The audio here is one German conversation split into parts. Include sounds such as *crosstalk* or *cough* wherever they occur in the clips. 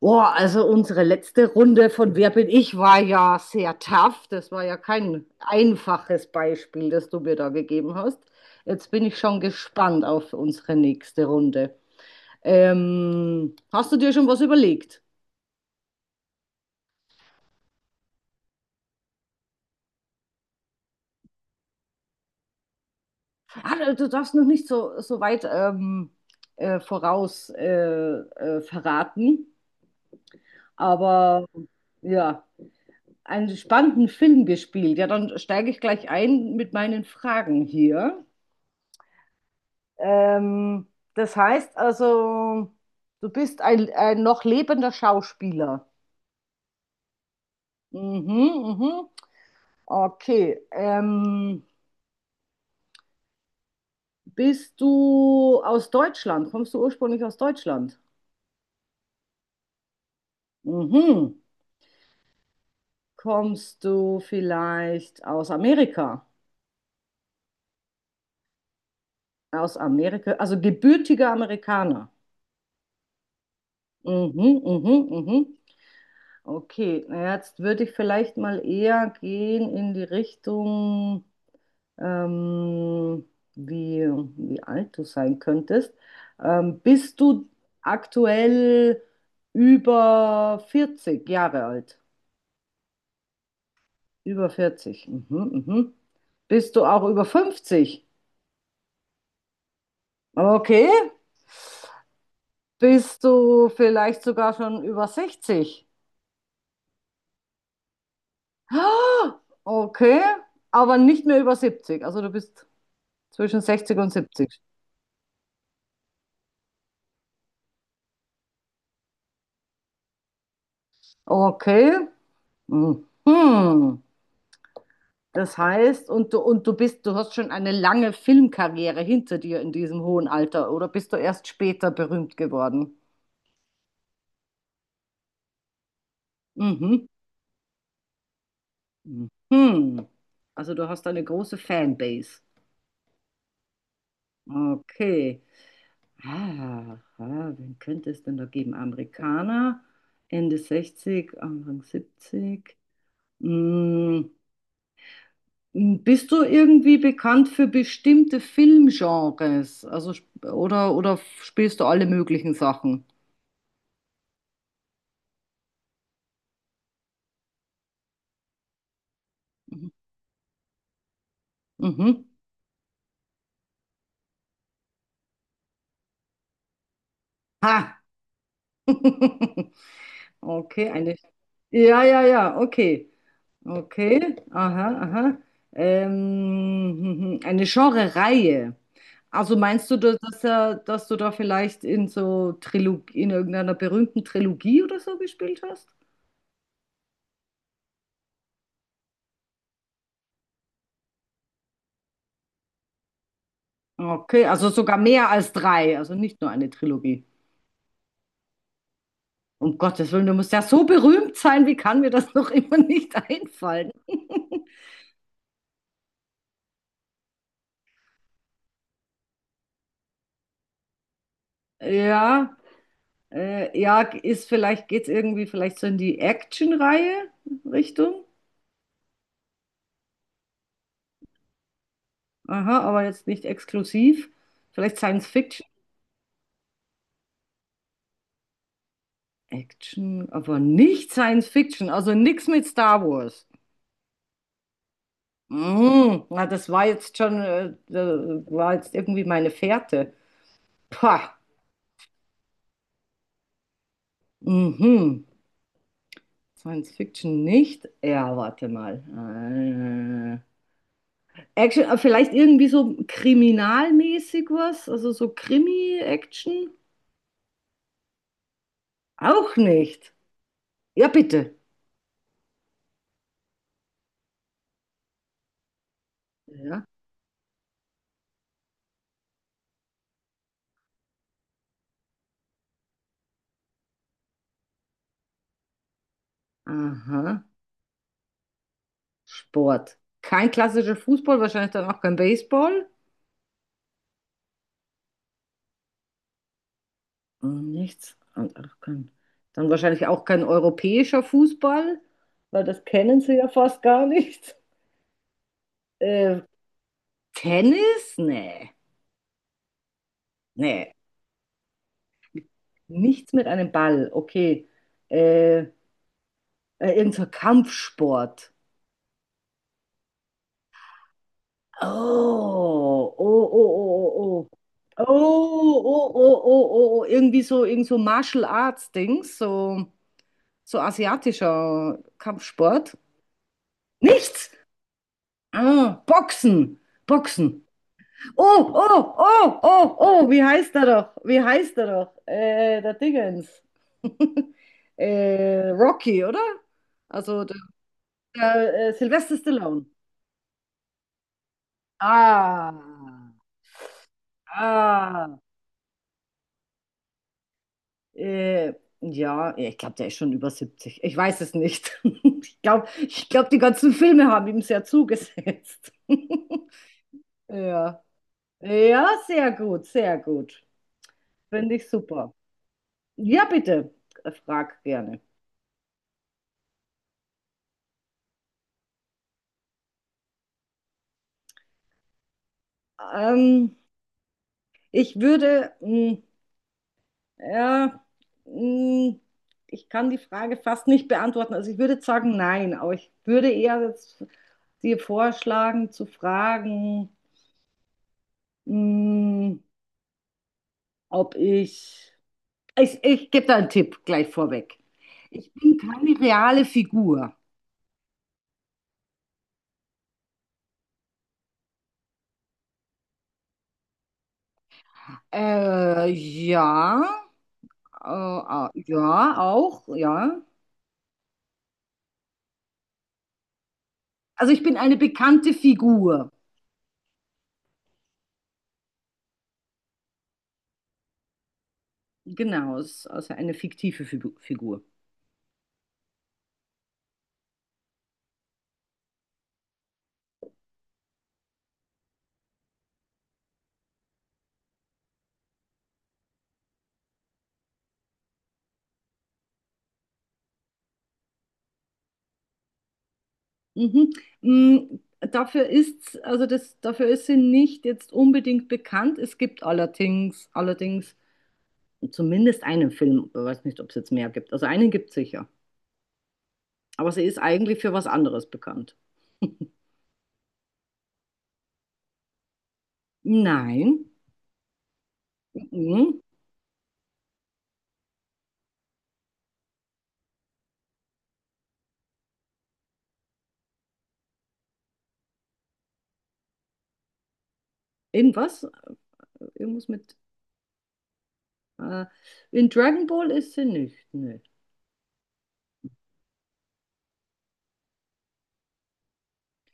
Boah, also unsere letzte Runde von Wer bin ich war ja sehr tough. Das war ja kein einfaches Beispiel, das du mir da gegeben hast. Jetzt bin ich schon gespannt auf unsere nächste Runde. Hast du dir schon was überlegt? Ah, du darfst noch nicht so weit voraus verraten, aber ja, einen spannenden Film gespielt. Ja, dann steige ich gleich ein mit meinen Fragen hier. Ähm, Das heißt also, du bist ein noch lebender Schauspieler. Mhm, mhm. Okay. Bist du aus Deutschland? Kommst du ursprünglich aus Deutschland? Mhm. Kommst du vielleicht aus Amerika? Aus Amerika, also gebürtiger Amerikaner. Mhm, mhm, mhm. Okay, na, jetzt würde ich vielleicht mal eher gehen in die Richtung. ähm, wie, wie alt du sein könntest. Bist du aktuell über 40 Jahre alt? Über vierzig? Mhm, mhm. Bist du auch über 50? Okay. Bist du vielleicht sogar schon über 60? *gasps* Ah, okay. Aber nicht mehr über 70. Also du bist zwischen 60 und 70. Okay. Mhm. Das heißt, du hast schon eine lange Filmkarriere hinter dir in diesem hohen Alter, oder bist du erst später berühmt geworden? Mhm. Mhm. Also du hast eine große Fanbase. Okay. Ah, ah, wen könnte es denn da geben? Amerikaner, Ende 60 Anfang 70. Mm, bist du irgendwie bekannt für bestimmte Filmgenres? Also oder spielst du alle möglichen Sachen? Mhm. Mhm. Ha! *laughs* Okay, eine. Ja, ja, ja, okay. Okay, aha, aha. *laughs* Eine Genre-Reihe. Also meinst du, dass du da vielleicht in irgendeiner berühmten Trilogie oder so gespielt hast? Okay, also sogar mehr als drei, also nicht nur eine Trilogie. Um Gottes Willen, du musst ja so berühmt sein, wie kann mir das *laughs* noch immer nicht *laughs* einfallen? Ja. Ja, ist vielleicht, geht's irgendwie vielleicht so in die Action-Reihe Richtung. Aha, aber jetzt nicht exklusiv. Vielleicht Science Fiction. Action, aber nicht Science Fiction, also nichts mit Star Wars. Mhm, na, das war jetzt schon, da war jetzt irgendwie meine Fährte. Pah, mhm. Science Fiction nicht. Ja, warte mal. Action, vielleicht irgendwie so kriminalmäßig was, also so Krimi-Action. Auch nicht. Ja, bitte. Ja. Aha. Sport. Kein klassischer Fußball, wahrscheinlich dann auch kein Baseball. Und nichts. Und auch kein, dann wahrscheinlich auch kein europäischer Fußball, weil das kennen sie ja fast gar nicht. Äh, Tennis? Nee. Nee. Nichts mit einem Ball. Okay. Äh, Irgend so ein Kampfsport. Oh, oh, oh, oh, oh. Oh, oh, oh, oh, oh, oh. Oh. Irgendwie so, irgend so Martial Arts Dings, so asiatischer Kampfsport. Nichts. Ah, Boxen. Boxen. Oh, oh, oh, oh, oh, wie heißt er doch? Wie heißt er doch? Der Dingens. *laughs* Rocky, oder? Also der Sylvester Stallone. Ah, ah. Äh, ja, ja, ich glaube, der ist schon über 70. Ich weiß es nicht. *laughs* Ich glaub, die ganzen Filme haben ihm sehr zugesetzt. *laughs* Ja. Ja, sehr gut, sehr gut. Finde ich super. Ja, bitte, frag gerne. Ähm, Ich würde, ja, mh, ich kann die Frage fast nicht beantworten. Also ich würde jetzt sagen, nein, aber ich würde eher jetzt dir vorschlagen, zu fragen, mh, ob ich Ich gebe da einen Tipp gleich vorweg. Ich bin keine reale Figur. Ja, ja, auch, ja. Also ich bin eine bekannte Figur. Genau, es ist also eine fiktive Figur. Mhm. Mm, Dafür ist sie nicht jetzt unbedingt bekannt. Es gibt allerdings zumindest einen Film, ich weiß nicht, ob es jetzt mehr gibt. Also einen gibt es sicher. Aber sie ist eigentlich für was anderes bekannt. Nein. Mhm. Irgendwas? Irgendwas mit. Äh, in Dragon Ball ist sie nicht. Nö.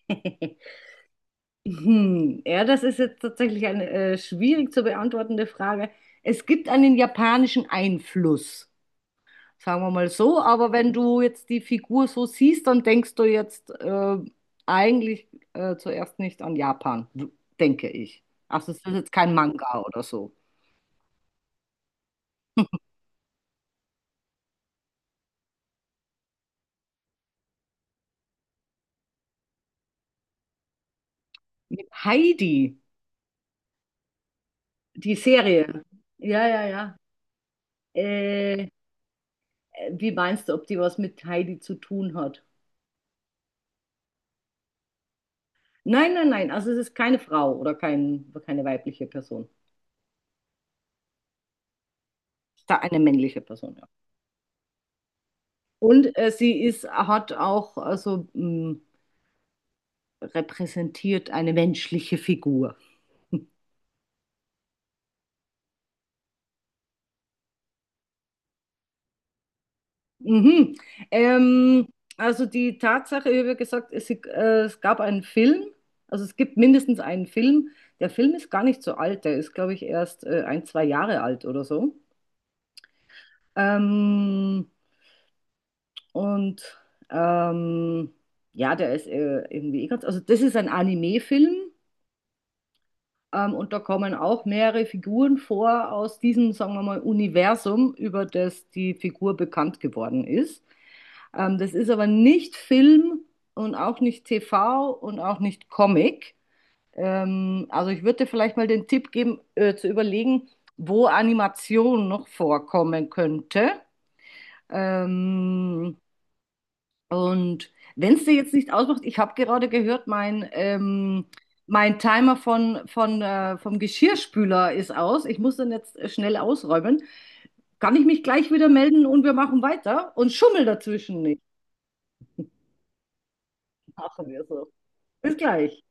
*laughs* Hm, ja, das ist jetzt tatsächlich eine schwierig zu beantwortende Frage. Es gibt einen japanischen Einfluss, sagen wir mal so. Aber wenn du jetzt die Figur so siehst, dann denkst du jetzt eigentlich zuerst nicht an Japan, denke ich. Also es ist jetzt kein Manga oder so. Mit Heidi, die Serie. Ja, ja, ja. Äh, Wie meinst du, ob die was mit Heidi zu tun hat? Nein, nein, nein. Also es ist keine Frau oder keine weibliche Person. Da eine männliche Person, ja. Und hat auch also, repräsentiert eine menschliche Figur. Mhm. Ähm, also die Tatsache, ich habe ja gesagt, es gab einen Film, also es gibt mindestens einen Film. Der Film ist gar nicht so alt, der ist, glaube ich, erst ein, zwei Jahre alt oder so. Ähm, und ähm, ja, der ist irgendwie eh ganz, also das ist ein Anime-Film. Und da kommen auch mehrere Figuren vor aus diesem, sagen wir mal, Universum, über das die Figur bekannt geworden ist. Das ist aber nicht Film und auch nicht TV und auch nicht Comic. Also ich würde dir vielleicht mal den Tipp geben, zu überlegen, wo Animation noch vorkommen könnte. Ähm, und wenn es dir jetzt nicht ausmacht, ich habe gerade gehört, mein Timer vom Geschirrspüler ist aus. Ich muss den jetzt schnell ausräumen. Kann ich mich gleich wieder melden und wir machen weiter und schummel dazwischen nicht. Machen wir so. Bis gleich.